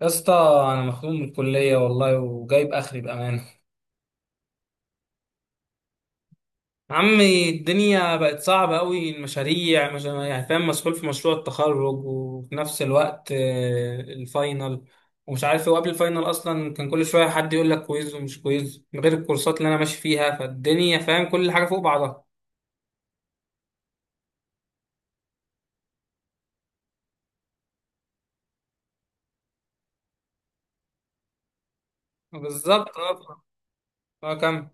يا اسطى، انا مخنوق من الكليه والله وجايب اخري بامانه. عمي الدنيا بقت صعبه قوي. المشاريع مش فاهم، مسؤول في مشروع التخرج وفي نفس الوقت الفاينل ومش عارف وقبل الفاينل اصلا كان كل شويه حد يقول لك كويز ومش كويز، من غير الكورسات اللي انا ماشي فيها، فالدنيا فاهم كل حاجه فوق بعضها. بالظبط اه. كم.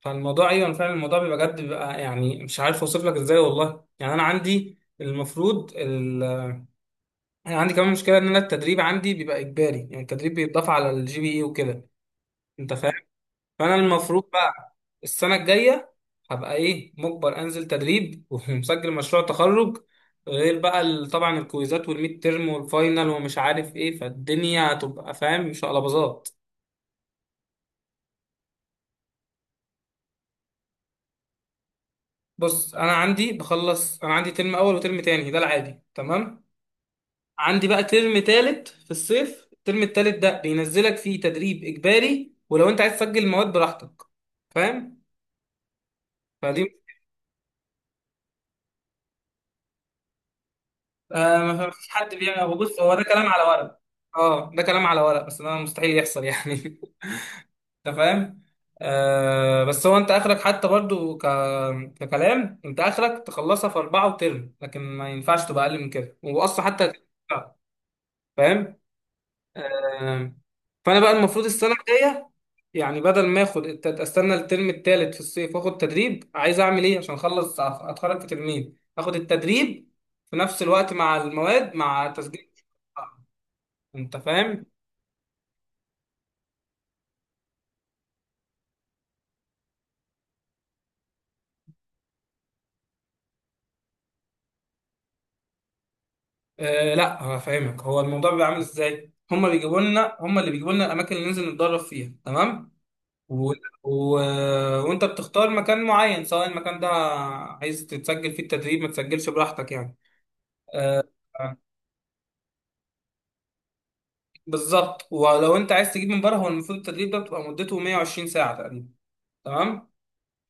فالموضوع ايوه فعلا الموضوع بيبقى بجد، بيبقى يعني مش عارف اوصف لك ازاي والله. يعني انا عندي المفروض، انا عندي كمان مشكله ان انا التدريب عندي بيبقى اجباري، يعني التدريب بيتضاف على الجي بي اي وكده. انت فاهم. فانا المفروض بقى السنه الجايه هبقى ايه، مجبر انزل تدريب ومسجل مشروع تخرج، غير بقى طبعا الكويزات والميد تيرم والفاينل ومش عارف ايه، فالدنيا هتبقى فاهم مش قلبظات. بص انا عندي بخلص، انا عندي ترم اول وترم تاني، ده العادي تمام. عندي بقى ترم تالت في الصيف، الترم التالت ده بينزلك فيه تدريب إجباري، ولو أنت عايز تسجل مواد براحتك. فاهم. فدي آه. ما فيش حد بيعمل. هو بص، هو ده كلام على ورق. اه ده كلام على ورق، بس ده مستحيل يحصل يعني أنت فاهم. آه بس هو أنت آخرك حتى برضو ككلام، أنت آخرك تخلصها في أربعة وترم، لكن ما ينفعش تبقى أقل من كده، وأصلا حتى آه، فاهم. آم، فانا بقى المفروض السنه الجايه، يعني بدل ما اخد استنى الترم الثالث في الصيف واخد تدريب، عايز اعمل ايه عشان اخلص اتخرج في ترمين، اخد التدريب في نفس الوقت مع المواد، مع تسجيل. انت فاهم. آه لا هفهمك، هو الموضوع بيبقى عامل ازاي، هما بيجيبوا لنا، هما اللي بيجيبوا لنا الاماكن اللي ننزل نتدرب فيها، تمام. و... و... وانت بتختار مكان معين، سواء المكان ده عايز تتسجل فيه التدريب، ما تسجلش براحتك يعني. بالظبط. ولو انت عايز تجيب من بره، هو المفروض التدريب ده بتبقى مدته 120 ساعه تقريبا، تمام.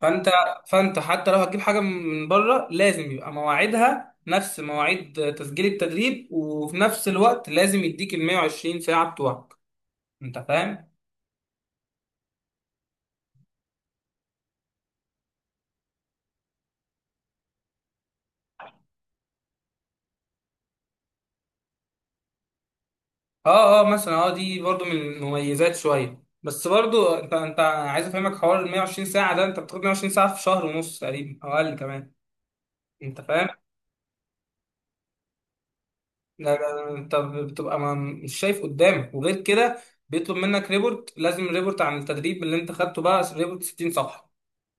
فانت فانت حتى لو هتجيب حاجه من بره لازم يبقى مواعيدها نفس مواعيد تسجيل التدريب، وفي نفس الوقت لازم يديك ال 120 ساعه بتوعك. انت فاهم. اه اه مثلا اه دي برضو من المميزات شويه، بس برضو انت عايز افهمك، حوار ال 120 ساعه ده انت بتاخد 120 ساعه في شهر ونص تقريبا او اقل كمان. انت فاهم. لا لا لا، انت بتبقى ما مش شايف قدامك. وغير كده بيطلب منك ريبورت، لازم ريبورت عن التدريب اللي انت خدته، بقى ريبورت 60 صفحة.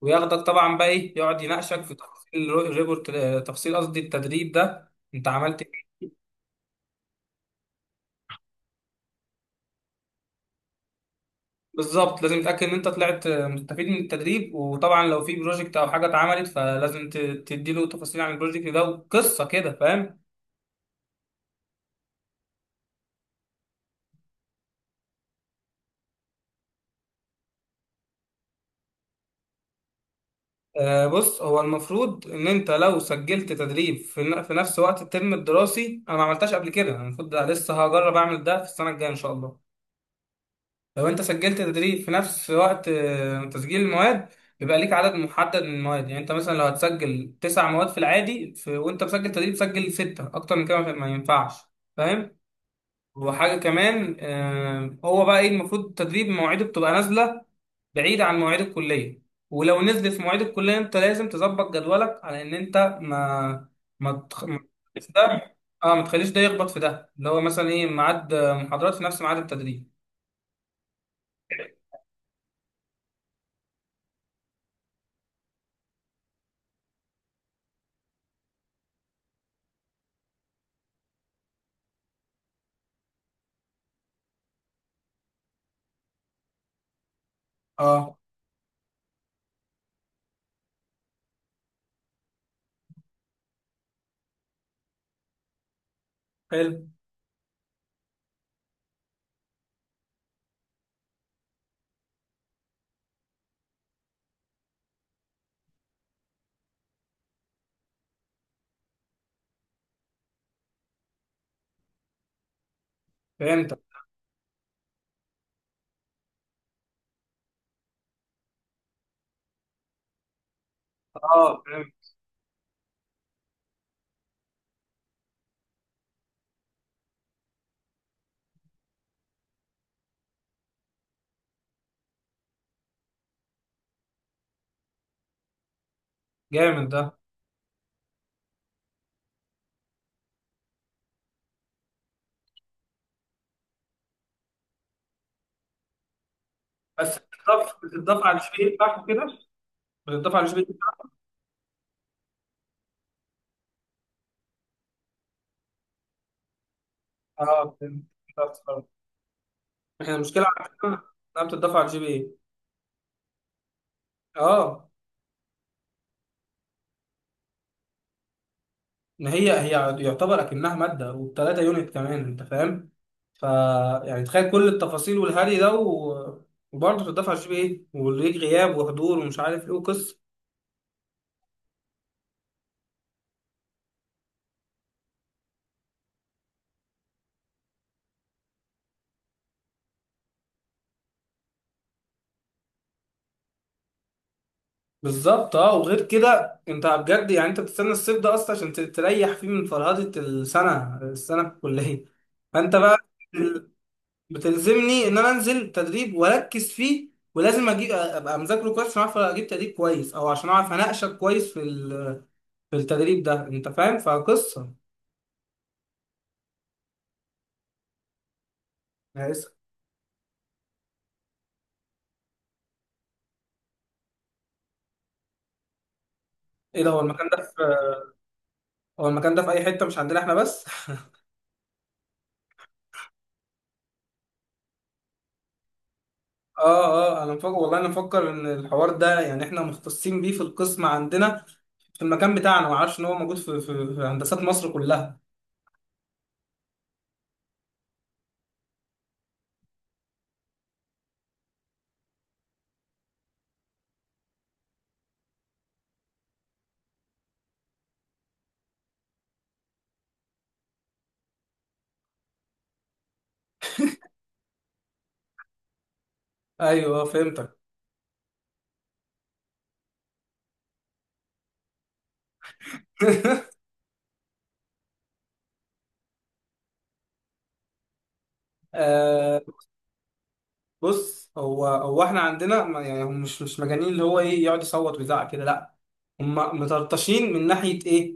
وياخدك طبعا بقى ايه، يقعد يناقشك في تفاصيل الريبورت، تفاصيل قصدي التدريب ده انت عملت ايه. بالظبط، لازم تتأكد ان انت طلعت مستفيد من التدريب. وطبعا لو في بروجكت او حاجة اتعملت، فلازم تديله تفاصيل عن البروجكت ده وقصة كده. فاهم. بص هو المفروض ان انت لو سجلت تدريب في في نفس وقت الترم الدراسي، انا ما عملتهاش قبل كده، أنا المفروض ده لسه هجرب اعمل ده في السنه الجايه ان شاء الله. لو انت سجلت تدريب في نفس وقت تسجيل المواد، بيبقى ليك عدد محدد من المواد، يعني انت مثلا لو هتسجل تسع مواد في العادي، في وانت مسجل تدريب سجل سته، اكتر من كده ما ما ينفعش. فاهم. وحاجة كمان هو بقى ايه، المفروض التدريب مواعيده بتبقى نازلة بعيدة عن مواعيد الكلية، ولو نزلت في مواعيد الكلية انت لازم تظبط جدولك على ان انت ما تخليش ده، اه ما تخليش ده يخبط في ده، اللي هو مثلا ايه ميعاد محاضرات في نفس ميعاد التدريب. اه. حلو. فهمت. اه فهمت. جامد ده. بس بتضاف، بتضاف على الجي بي اي بتاعك وكده، بتضاف على الجي بي اي بتاعك. اه فهمت. بس، آه. احنا المشكلة عندنا انها بتضاف على الجي بي اي. اه. ما هي هي يعتبر اكنها ماده، والتلاته يونت كمان، انت فاهم. ف يعني تخيل كل التفاصيل والهري ده و... وبرضه تدفع جي بي ايه وليك غياب وحضور ومش عارف ايه وقصه. بالظبط اه. وغير كده انت بجد يعني انت بتستنى الصيف ده اصلا عشان تريح فيه من فرهده السنه في الكليه. فانت بقى بتلزمني ان انا انزل تدريب واركز فيه، ولازم اجيب، ابقى مذاكره كويس عشان اعرف اجيب تدريب كويس، او عشان اعرف اناقشك كويس في في التدريب ده. انت فاهم فقصه. أنا اسف. ايه ده، هو المكان ده في، هو المكان ده في اي حته مش عندنا احنا بس اه اه، انا مفكر والله، انا مفكر ان الحوار ده يعني احنا مختصين بيه في القسم عندنا، في المكان بتاعنا، ما اعرفش ان هو موجود في في هندسات مصر كلها. ايوه فهمتك آه بص، هو احنا عندنا يعني هم مش مجانين، اللي هو ايه يقعد يصوت ويزعق كده، لا. هم مطرطشين من ناحيه ايه،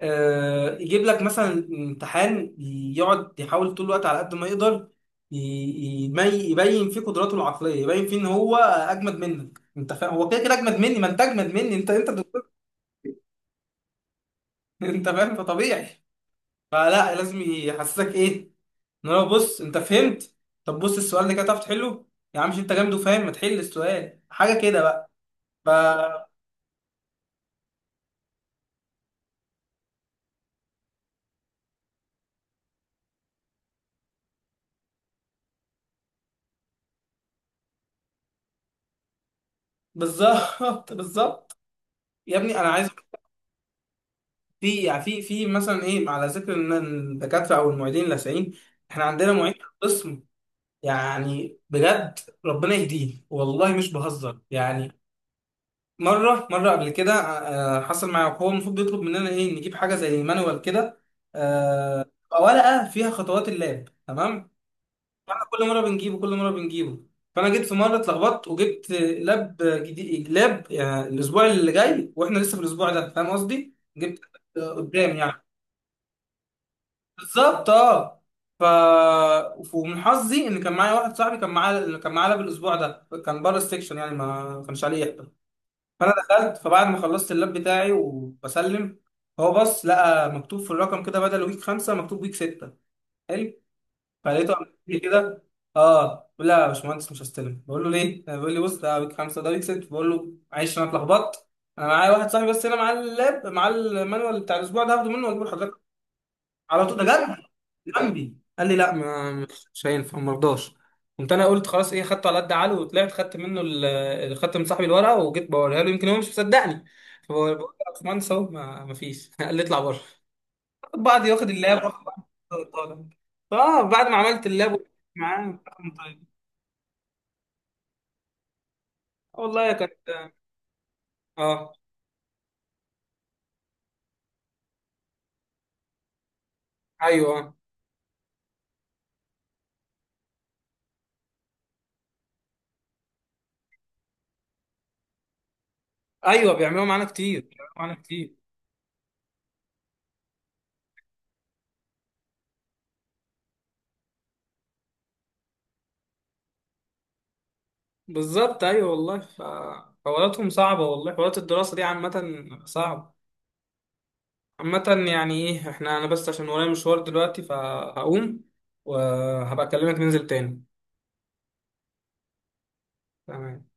يجيب لك مثلا امتحان، يقعد يحاول طول الوقت على قد ما يقدر يبين فيه قدراته العقليه، يبين فيه ان هو اجمد منك. انت فاهم، هو كده كده اجمد مني، ما انت اجمد مني، انت انت دكتور انت فاهم، فطبيعي. فلا لازم يحسسك ايه ان هو، بص انت فهمت، طب بص السؤال ده كده تعرف تحله، يا عم مش انت جامد وفاهم، ما تحل السؤال حاجه كده بقى. ف بالظبط بالظبط. يا ابني انا عايز، في يعني في مثلا ايه، على ذكر ان الدكاتره او المعيدين اللاذعين، احنا عندنا معيد في القسم يعني بجد ربنا يهديه والله، مش بهزر يعني. مره قبل كده حصل معايا، هو المفروض بيطلب مننا ايه، نجيب حاجه زي مانوال كده، آه، تبقى ورقه فيها خطوات اللاب، تمام. فاحنا كل مره بنجيبه، كل مره بنجيبه. فانا جيت في مره اتلخبطت وجبت لاب جديد، لاب يعني الاسبوع اللي جاي واحنا لسه في الاسبوع ده، فاهم قصدي، جبت قدام يعني. بالظبط اه. ف ومن حظي ان كان معايا واحد صاحبي كان معاه، كان معاه لاب الاسبوع ده، كان بره السكشن يعني ما كانش عليه يحضر. فانا دخلت، فبعد ما خلصت اللاب بتاعي وبسلم، هو بص لقى مكتوب في الرقم كده بدل ويك خمسه مكتوب ويك سته. حلو. فلقيته عمال يقول لي كده، اه لا يا باشمهندس مش هستلم، بقول له ليه؟ بيقول لي بص ده ويك خمسه ده ويك سته، بقول له معلش انا اتلخبطت، انا معايا واحد صاحبي بس هنا معاه اللاب، معاه المانوال بتاع الاسبوع ده، هاخده منه واجيبه لحضرتك، على طول ده جنبي، جنبي. قال لي لا، ما مش هينفع، ما رضاش. قمت انا قلت خلاص ايه، خدته على قد عقله وطلعت، خدت منه خدت من صاحبي الورقه وجيت بوريها له يمكن هو مش مصدقني، فبقول له يا باشمهندس اهو، ما فيش قال لي اطلع بره. خد بعض، ياخد اللاب واخد بعض. طالع. اه بعد ما عملت اللاب وقعدت معاه كان طيب. والله كانت اه. ايوه آه. ايوه بيعملوا معانا كتير، بيعملوا معانا كتير. بالظبط ايوه والله. ف حواراتهم صعبه والله، حوارات الدراسه دي عامه صعبه، عامة. يعني ايه احنا، انا بس عشان ورايا مشوار دلوقتي فهقوم، وهبقى اكلمك ننزل تاني. تمام.